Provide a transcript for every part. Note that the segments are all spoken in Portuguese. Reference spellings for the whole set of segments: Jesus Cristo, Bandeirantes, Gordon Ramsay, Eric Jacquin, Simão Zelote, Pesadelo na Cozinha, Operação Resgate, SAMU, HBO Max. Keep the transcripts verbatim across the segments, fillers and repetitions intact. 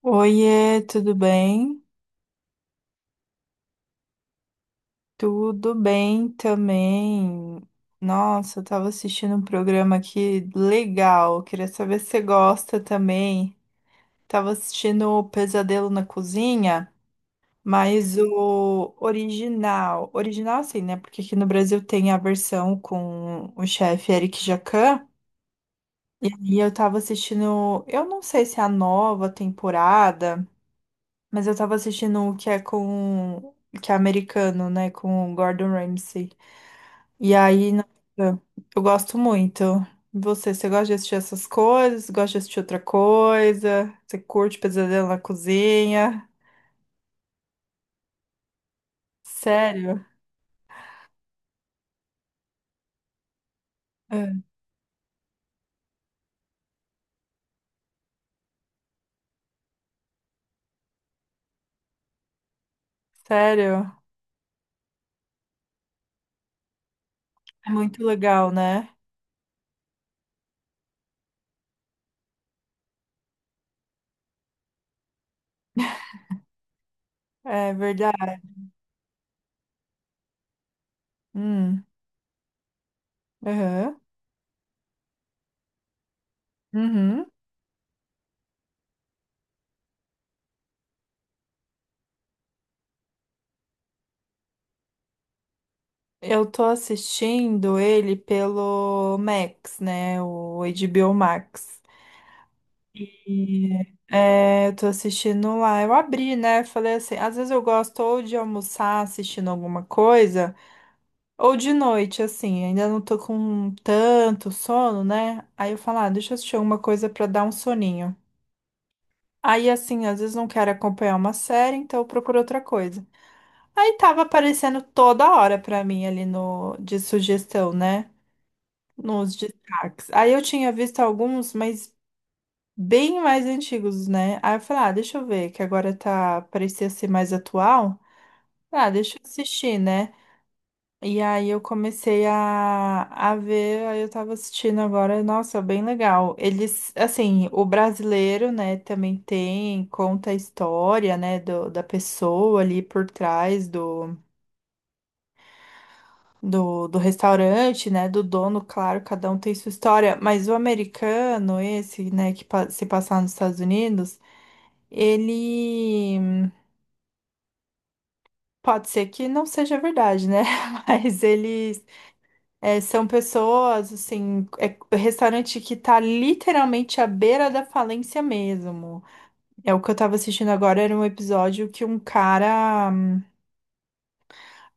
Oiê, tudo bem? Tudo bem também. Nossa, eu tava assistindo um programa aqui legal. Queria saber se você gosta também. Tava assistindo o Pesadelo na Cozinha, mas o original. Original assim, né? Porque aqui no Brasil tem a versão com o chefe Eric Jacquin. E aí eu tava assistindo, eu não sei se é a nova temporada. Mas eu tava assistindo o que é com. Que é americano, né? Com o Gordon Ramsay. E aí, nossa, eu gosto muito. E você, você gosta de assistir essas coisas? Gosta de assistir outra coisa? Você curte Pesadelo na Cozinha? Sério? É. Sério? É muito legal, né? É verdade. Hum, aham, uhum. Eu tô assistindo ele pelo Max, né? O H B O Max. E, é, eu tô assistindo lá. Eu abri, né? Falei assim, às vezes eu gosto ou de almoçar assistindo alguma coisa, ou de noite, assim, ainda não tô com tanto sono, né? Aí eu falo, ah, deixa eu assistir alguma coisa pra dar um soninho. Aí, assim, às vezes não quero acompanhar uma série, então eu procuro outra coisa. Aí tava aparecendo toda hora pra mim ali no, de sugestão, né? Nos destaques. Aí eu tinha visto alguns, mas. Bem mais antigos, né? Aí eu falei, ah, deixa eu ver, que agora tá, parecia ser mais atual. Ah, deixa eu assistir, né? E aí eu comecei a, a ver, aí eu tava assistindo agora, nossa, bem legal. Eles, assim, o brasileiro, né, também tem, conta a história, né, do, da pessoa ali por trás do do, do restaurante, né? Do dono, claro, cada um tem sua história, mas o americano, esse, né, que pa- se passar nos Estados Unidos, ele pode ser que não seja verdade, né? Mas eles é, são pessoas, assim, é restaurante que tá literalmente à beira da falência mesmo. É o que eu tava assistindo agora, era um episódio que um cara.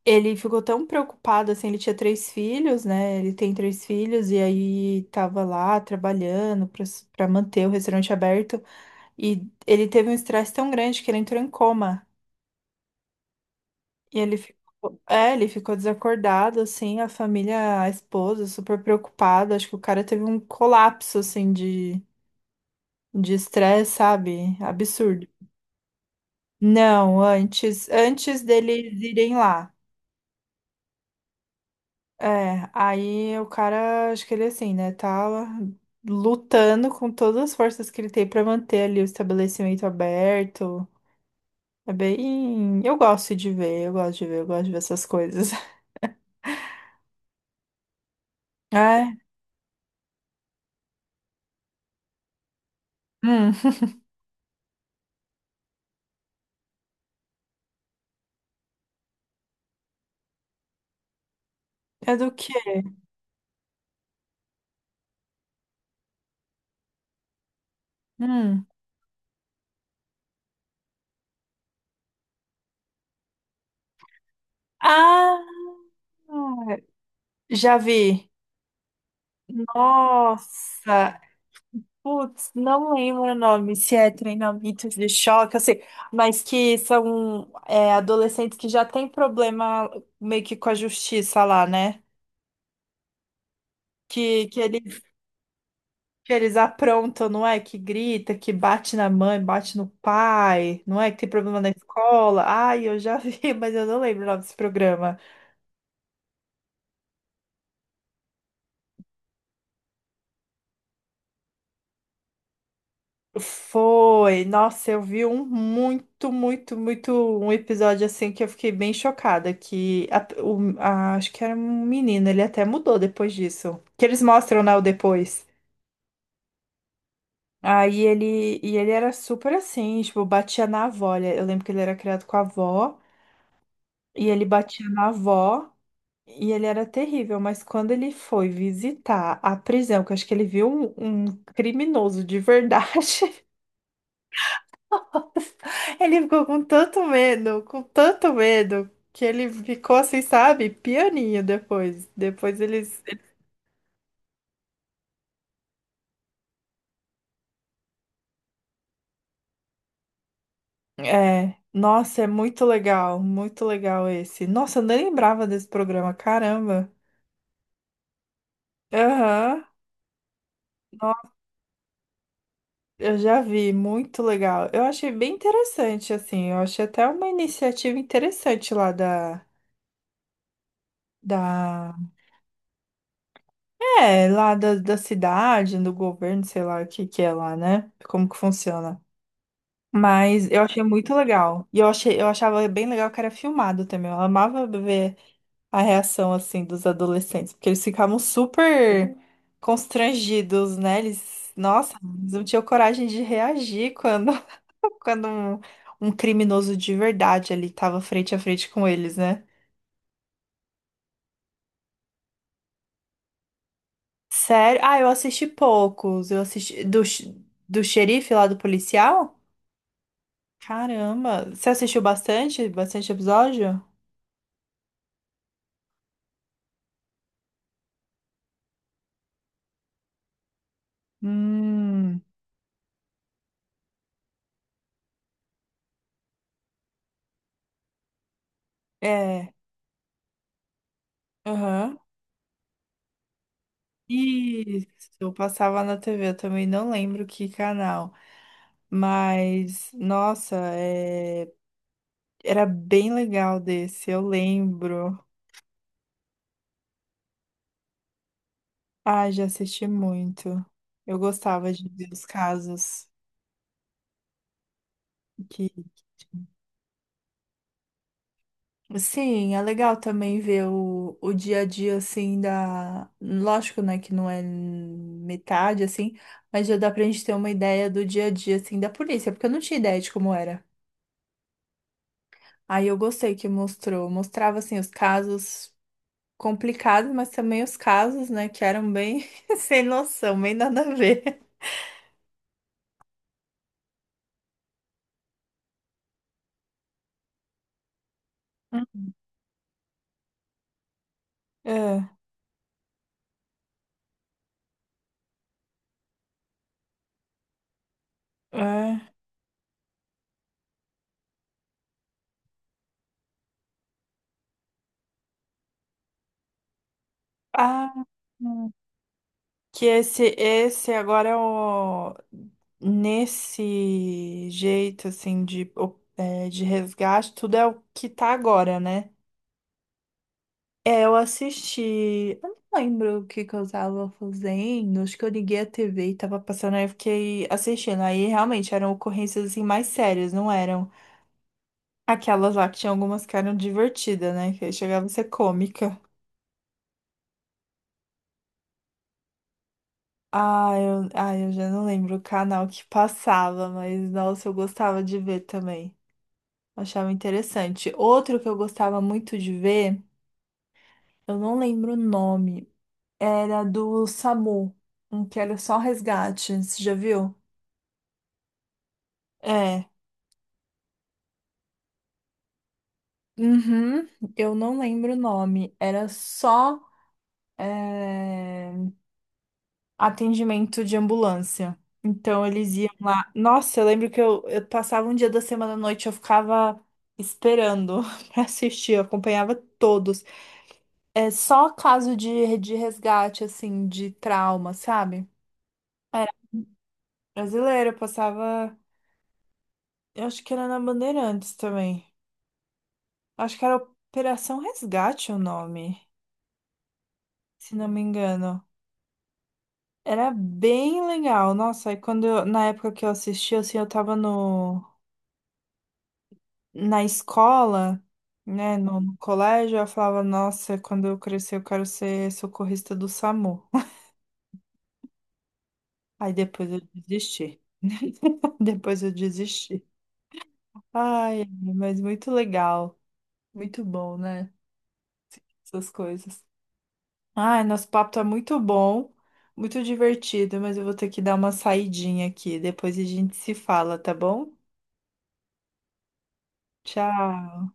Ele ficou tão preocupado, assim, ele tinha três filhos, né? Ele tem três filhos e aí tava lá trabalhando pra para manter o restaurante aberto e ele teve um estresse tão grande que ele entrou em coma. E ele ficou, é, ele ficou desacordado, assim, a família, a esposa, super preocupada. Acho que o cara teve um colapso, assim, de de estresse, sabe? Absurdo. Não, antes, antes deles irem lá. É, aí o cara, acho que ele assim, né, tá lutando com todas as forças que ele tem pra manter ali o estabelecimento aberto. É bem. Eu gosto de ver, eu gosto de ver, eu gosto de ver essas coisas. É? Hum. É do quê? Hum. Ah! Já vi. Nossa! Putz, não lembro o nome, se é treinamentos de choque, assim, mas que são é, adolescentes que já têm problema meio que com a justiça lá, né? Que, que, eles, que eles aprontam, não é? Que grita, que bate na mãe, bate no pai, não é? Que tem problema na escola. Ai, eu já vi, mas eu não lembro o nome desse programa. Foi, nossa, eu vi um muito, muito, muito, um episódio assim que eu fiquei bem chocada, que a- o- a- acho que era um menino, ele até mudou depois disso. Que eles mostram, né, o depois. Aí ele, e ele era super assim, tipo, batia na avó. Ele- Eu lembro que ele era criado com a avó, e ele batia na avó. E ele era terrível, mas quando ele foi visitar a prisão, que eu acho que ele viu um, um criminoso de verdade, ele ficou com tanto medo, com tanto medo, que ele ficou assim, sabe, pianinho depois. Depois eles. É, nossa, é muito legal, muito legal esse. Nossa, eu nem lembrava desse programa, caramba. Aham. Nossa, eu já vi, muito legal. Eu achei bem interessante, assim. Eu achei até uma iniciativa interessante lá da, da. É, lá da, da cidade, do governo, sei lá o que que é lá, né? Como que funciona. Mas eu achei muito legal. E eu achei, eu achava bem legal que era filmado também. Eu amava ver a reação, assim, dos adolescentes. Porque eles ficavam super constrangidos, né? Eles, nossa, eles não tinham coragem de reagir quando, quando um, um criminoso de verdade ali tava frente a frente com eles, né? Sério? Ah, eu assisti poucos. Eu assisti do, x- do xerife lá do policial? Caramba, você assistiu bastante? Bastante episódio? Hum, é. Aham. Isso, eu passava na T V, eu também não lembro que canal. Mas, nossa, é, era bem legal desse, eu lembro. Ah, já assisti muito. Eu gostava de ver os casos que. Sim, é legal também ver o, o dia a dia assim da. Lógico, né, que não é metade assim, mas já dá pra gente ter uma ideia do dia a dia assim da polícia, porque eu não tinha ideia de como era. Aí eu gostei que mostrou, mostrava assim os casos complicados, mas também os casos, né, que eram bem sem noção, bem nada a ver. É, é. Ah. Que esse, esse agora é o. Nesse jeito, assim, de, o- é, de resgate, tudo é o que tá agora, né? É, eu assisti. Eu não lembro o que que eu tava fazendo. Acho que eu liguei a T V e tava passando, aí eu fiquei assistindo. Aí realmente eram ocorrências assim mais sérias, não eram aquelas lá que tinha algumas que eram divertidas, né? Que aí chegava a ser cômica. Ah, eu, ah, eu já não lembro o canal que passava, mas nossa, eu gostava de ver também. Achava interessante. Outro que eu gostava muito de ver, eu não lembro o nome, era do SAMU, um que era só resgate, você já viu? É. Uhum, eu não lembro o nome, era só é, atendimento de ambulância. Então eles iam lá. Nossa, eu lembro que eu, eu passava um dia da semana à noite, eu ficava esperando pra assistir, eu acompanhava todos. É só caso de, de resgate, assim, de trauma, sabe? Era brasileira, passava. Eu acho que era na Bandeirantes também. Acho que era Operação Resgate o nome, se não me engano. Era bem legal. Nossa, aí quando eu- na época que eu assisti, assim, eu tava no, na escola, né, no, no colégio, eu falava, nossa, quando eu crescer eu quero ser socorrista do SAMU. Aí depois eu desisti. Depois eu desisti. Ai, mas muito legal. Muito bom, né? Essas coisas. Ai, nosso papo tá muito bom, muito divertido, mas eu vou ter que dar uma saidinha aqui. Depois a gente se fala, tá bom? Tchau.